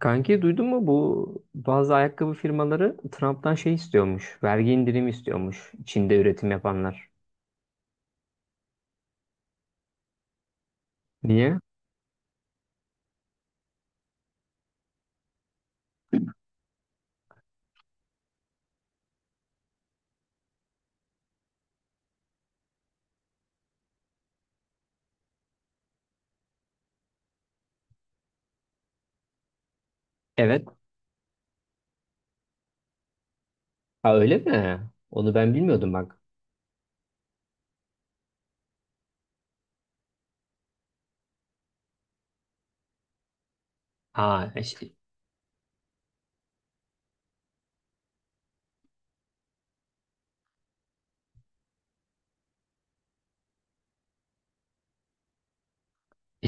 Kanki duydun mu bu bazı ayakkabı firmaları Trump'tan şey istiyormuş. Vergi indirimi istiyormuş Çin'de üretim yapanlar. Niye? Evet. Ha öyle mi? Onu ben bilmiyordum bak. Ha işte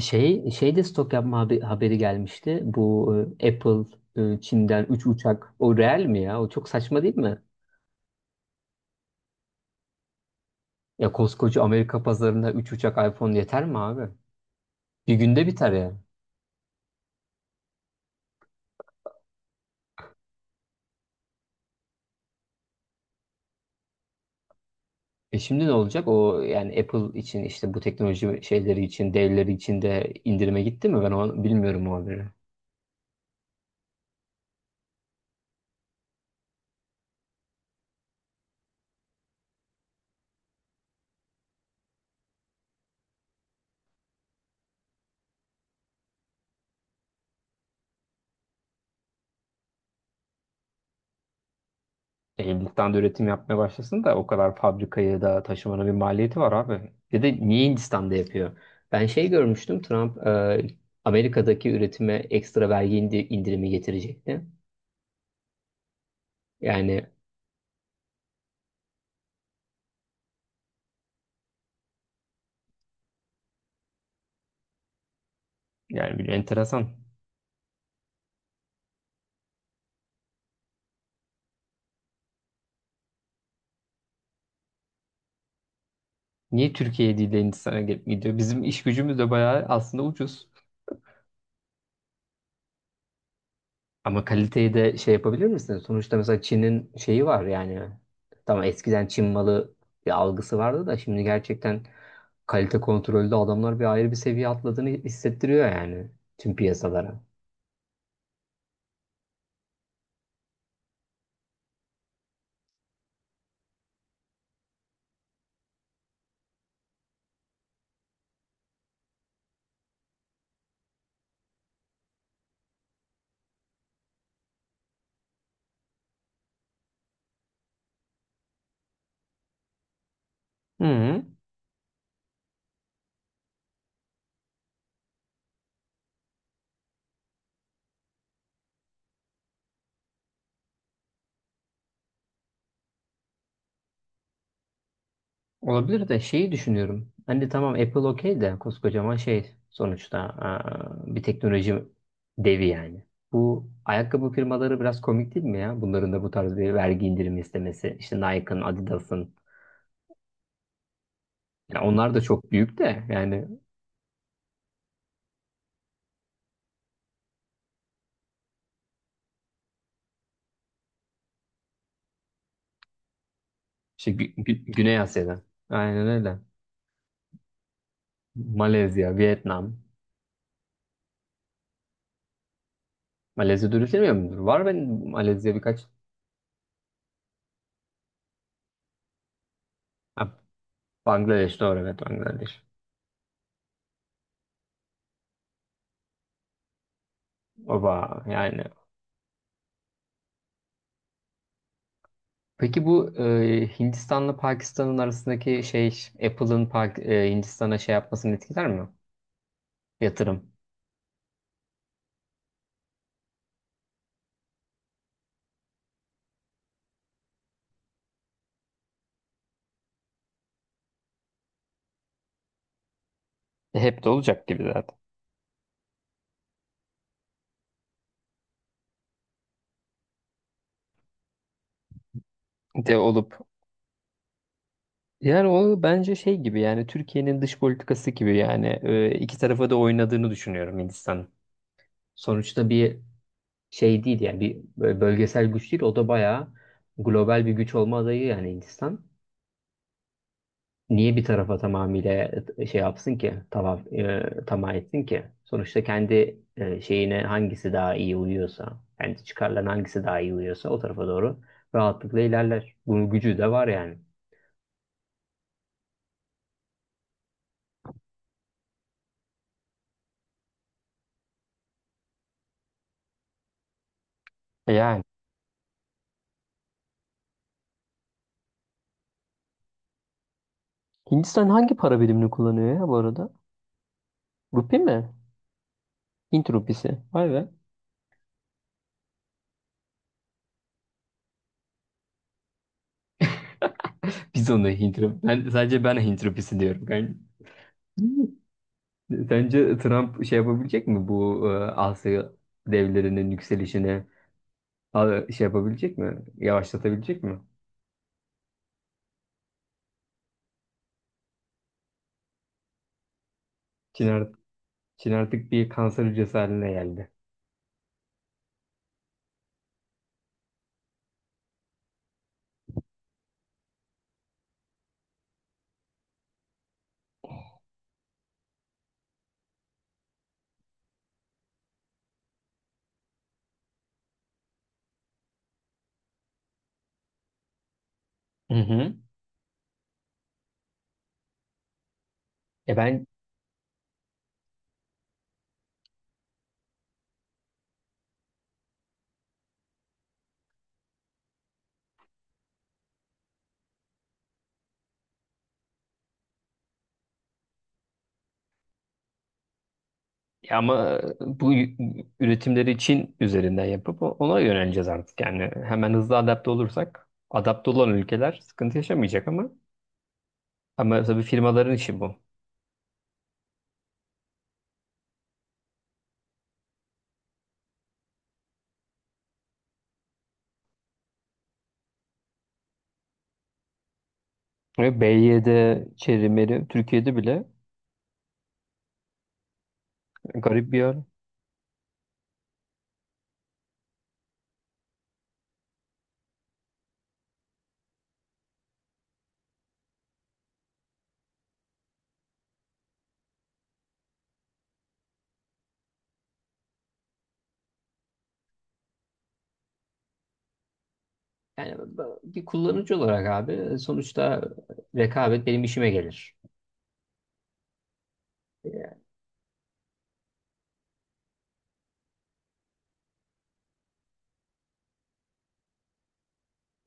şey de stok yapma haberi gelmişti. Bu Apple Çin'den 3 uçak. O real mi ya? O çok saçma değil mi? Ya koskoca Amerika pazarında 3 uçak iPhone yeter mi abi? Bir günde biter ya. E şimdi ne olacak? O yani Apple için işte bu teknoloji şeyleri için, devleri için de indirime gitti mi? Ben onu bilmiyorum o haberi. E, Hindistan da üretim yapmaya başlasın da o kadar fabrikayı da taşımanın bir maliyeti var abi. Bir de niye Hindistan'da yapıyor? Ben şey görmüştüm Trump Amerika'daki üretime ekstra vergi indirimi getirecekti. Yani yani bir enteresan. Niye Türkiye değil de Hindistan'a gidip gidiyor? Bizim iş gücümüz de bayağı aslında ucuz. Ama kaliteyi de şey yapabilir misiniz? Sonuçta mesela Çin'in şeyi var yani. Tamam eskiden Çin malı bir algısı vardı da şimdi gerçekten kalite kontrolde adamlar bir ayrı bir seviye atladığını hissettiriyor yani tüm piyasalara. Hı, olabilir de şeyi düşünüyorum. Hani tamam Apple okey de koskocaman şey sonuçta bir teknoloji devi yani. Bu ayakkabı firmaları biraz komik değil mi ya? Bunların da bu tarz bir vergi indirimi istemesi. İşte Nike'ın, Adidas'ın. Ya onlar da çok büyük de yani işte Güney Asya'da. Aynen öyle. Malezya, Vietnam. Malezya dönüşemiyor mudur? Var benim Malezya birkaç. Ha, Bangladeş doğru evet Bangladeş. Oba yani. Peki bu Hindistan'la Pakistan'ın arasındaki şey Apple'ın Hindistan'a şey yapmasını etkiler mi? Yatırım. E, hep de olacak gibi zaten. De olup. Yani o bence şey gibi yani Türkiye'nin dış politikası gibi yani iki tarafa da oynadığını düşünüyorum Hindistan. Sonuçta bir şey değil yani bir böyle bölgesel güç değil o da bayağı global bir güç olma adayı yani Hindistan. Niye bir tarafa tamamıyla şey yapsın ki tamam tamah etsin ki? Sonuçta kendi şeyine hangisi daha iyi uyuyorsa kendi çıkarlarına hangisi daha iyi uyuyorsa o tarafa doğru rahatlıkla ilerler. Bunun gücü de var yani. E yani. Hindistan hangi para birimini kullanıyor ya bu arada? Rupi mi? Hint rupisi. Vay be. Biz onu Hint rup- Ben sadece ben Hint rupisi diyorum. Kanka. Sence Trump şey yapabilecek mi bu Asya devlerinin yükselişine şey yapabilecek mi? Yavaşlatabilecek mi? Çin, art- Çin artık bir kanser hücresi haline geldi. Hı hı. E ben Ya ama bu üretimleri Çin üzerinden yapıp ona yöneleceğiz artık. Yani hemen hızlı adapte olursak adapte olan ülkeler sıkıntı yaşamayacak ama tabii firmaların işi bu. Ve BYD, çerimeri Türkiye'de bile garip bir yer. Yani bir kullanıcı olarak abi sonuçta rekabet benim işime gelir. E,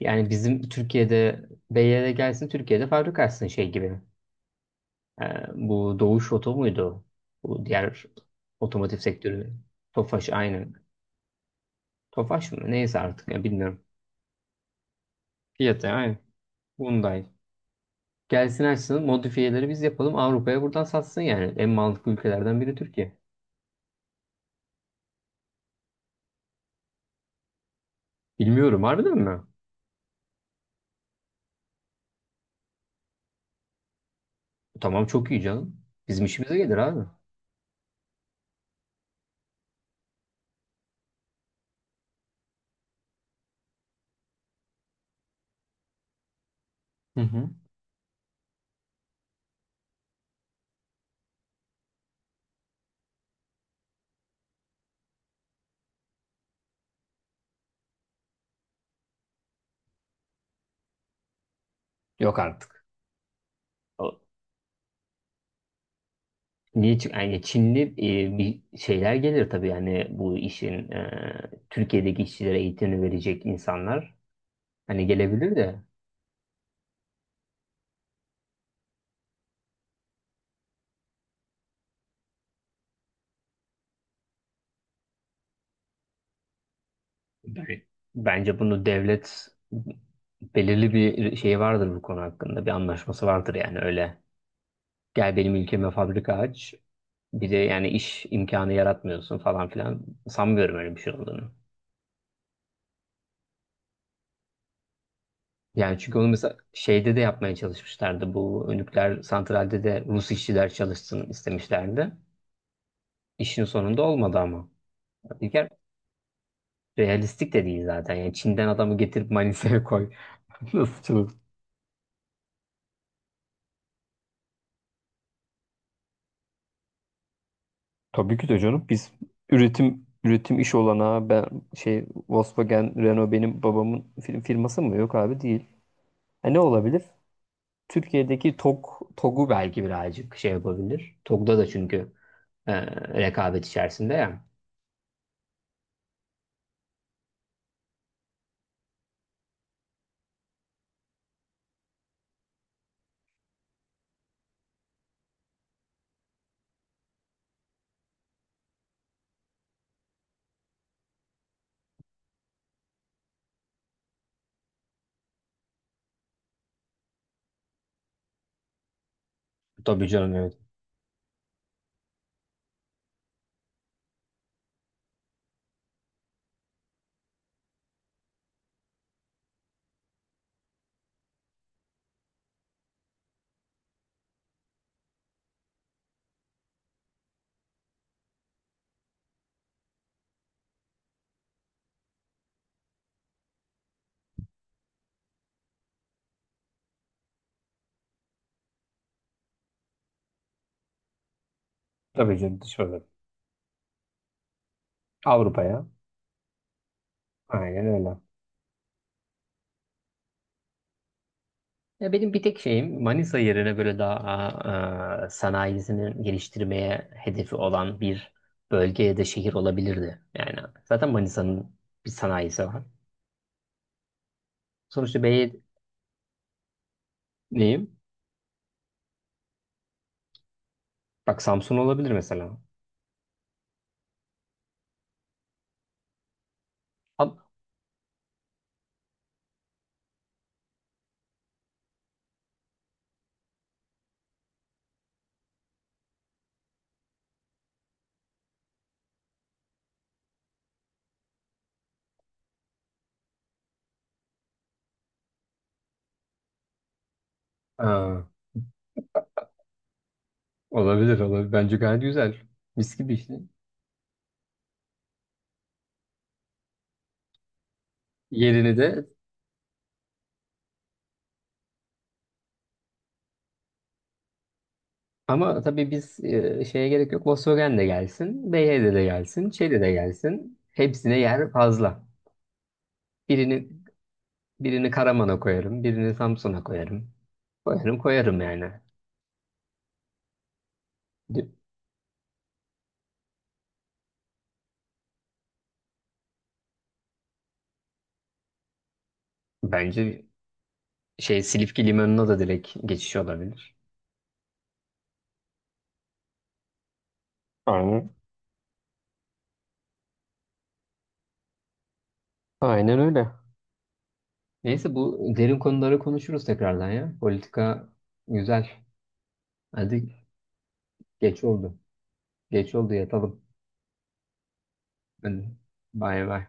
yani bizim Türkiye'de BYD gelsin Türkiye'de fabrika açsın şey gibi. Ee, Bu Doğuş Oto muydu? Bu diğer otomotiv sektörü. Tofaş aynı. Tofaş mı? Neyse artık ya bilmiyorum. Fiyatı aynı. Hyundai. Gelsin açsın modifiyeleri biz yapalım Avrupa'ya buradan satsın yani. En mantıklı ülkelerden biri Türkiye. Bilmiyorum harbiden mi? Tamam çok iyi canım. Bizim işimize gelir abi. Hı hı. Yok artık. Niye? Çünkü yani Çinli bir şeyler gelir tabii yani bu işin Türkiye'deki işçilere eğitimini verecek insanlar hani gelebilir de. Ben Bence bunu devlet belirli bir şey vardır bu konu hakkında bir anlaşması vardır yani öyle gel benim ülkeme fabrika aç bir de yani iş imkanı yaratmıyorsun falan filan sanmıyorum öyle bir şey olduğunu. Yani çünkü onu mesela şeyde de yapmaya çalışmışlardı bu nükleer santralde de Rus işçiler çalışsın istemişlerdi. İşin sonunda olmadı ama. İlker realistik de değil zaten. Yani Çin'den adamı getirip Manisa'ya koy. Nasıl çılgın. Tabii ki de canım. Biz üretim üretim iş olanağı ben şey Volkswagen, Renault benim babamın firması mı? Yok abi değil. Ha, ne olabilir? Türkiye'deki TOG, TOG'u belki birazcık şey yapabilir. TOG'da da çünkü e, rekabet içerisinde ya. Tabii canım evet. Tabii canım dış pazar. Avrupa'ya. Aynen öyle. Ya benim bir tek şeyim Manisa yerine böyle daha sanayisini geliştirmeye hedefi olan bir bölge ya da şehir olabilirdi. Yani zaten Manisa'nın bir sanayisi var. Sonuçta B'ye neyim? Bak Samsun olabilir mesela. Ab- Aa, Olabilir olabilir. Bence gayet güzel. Mis gibi işte. Yerini de ama tabii biz şeye gerek yok. Volkswagen de gelsin. Beyh'de de gelsin. Şeyde de gelsin. Hepsine yer fazla. Birinin Birini Karaman'a koyarım, birini Samsun'a koyarım. Koyarım koyarım yani. D- Bence şey Silifke Limanı'na da direkt geçiş olabilir. Aynen. Aynen öyle. Neyse bu derin konuları konuşuruz tekrardan ya. Politika güzel. Hadi geç oldu. Geç oldu yatalım. Hadi bay bay.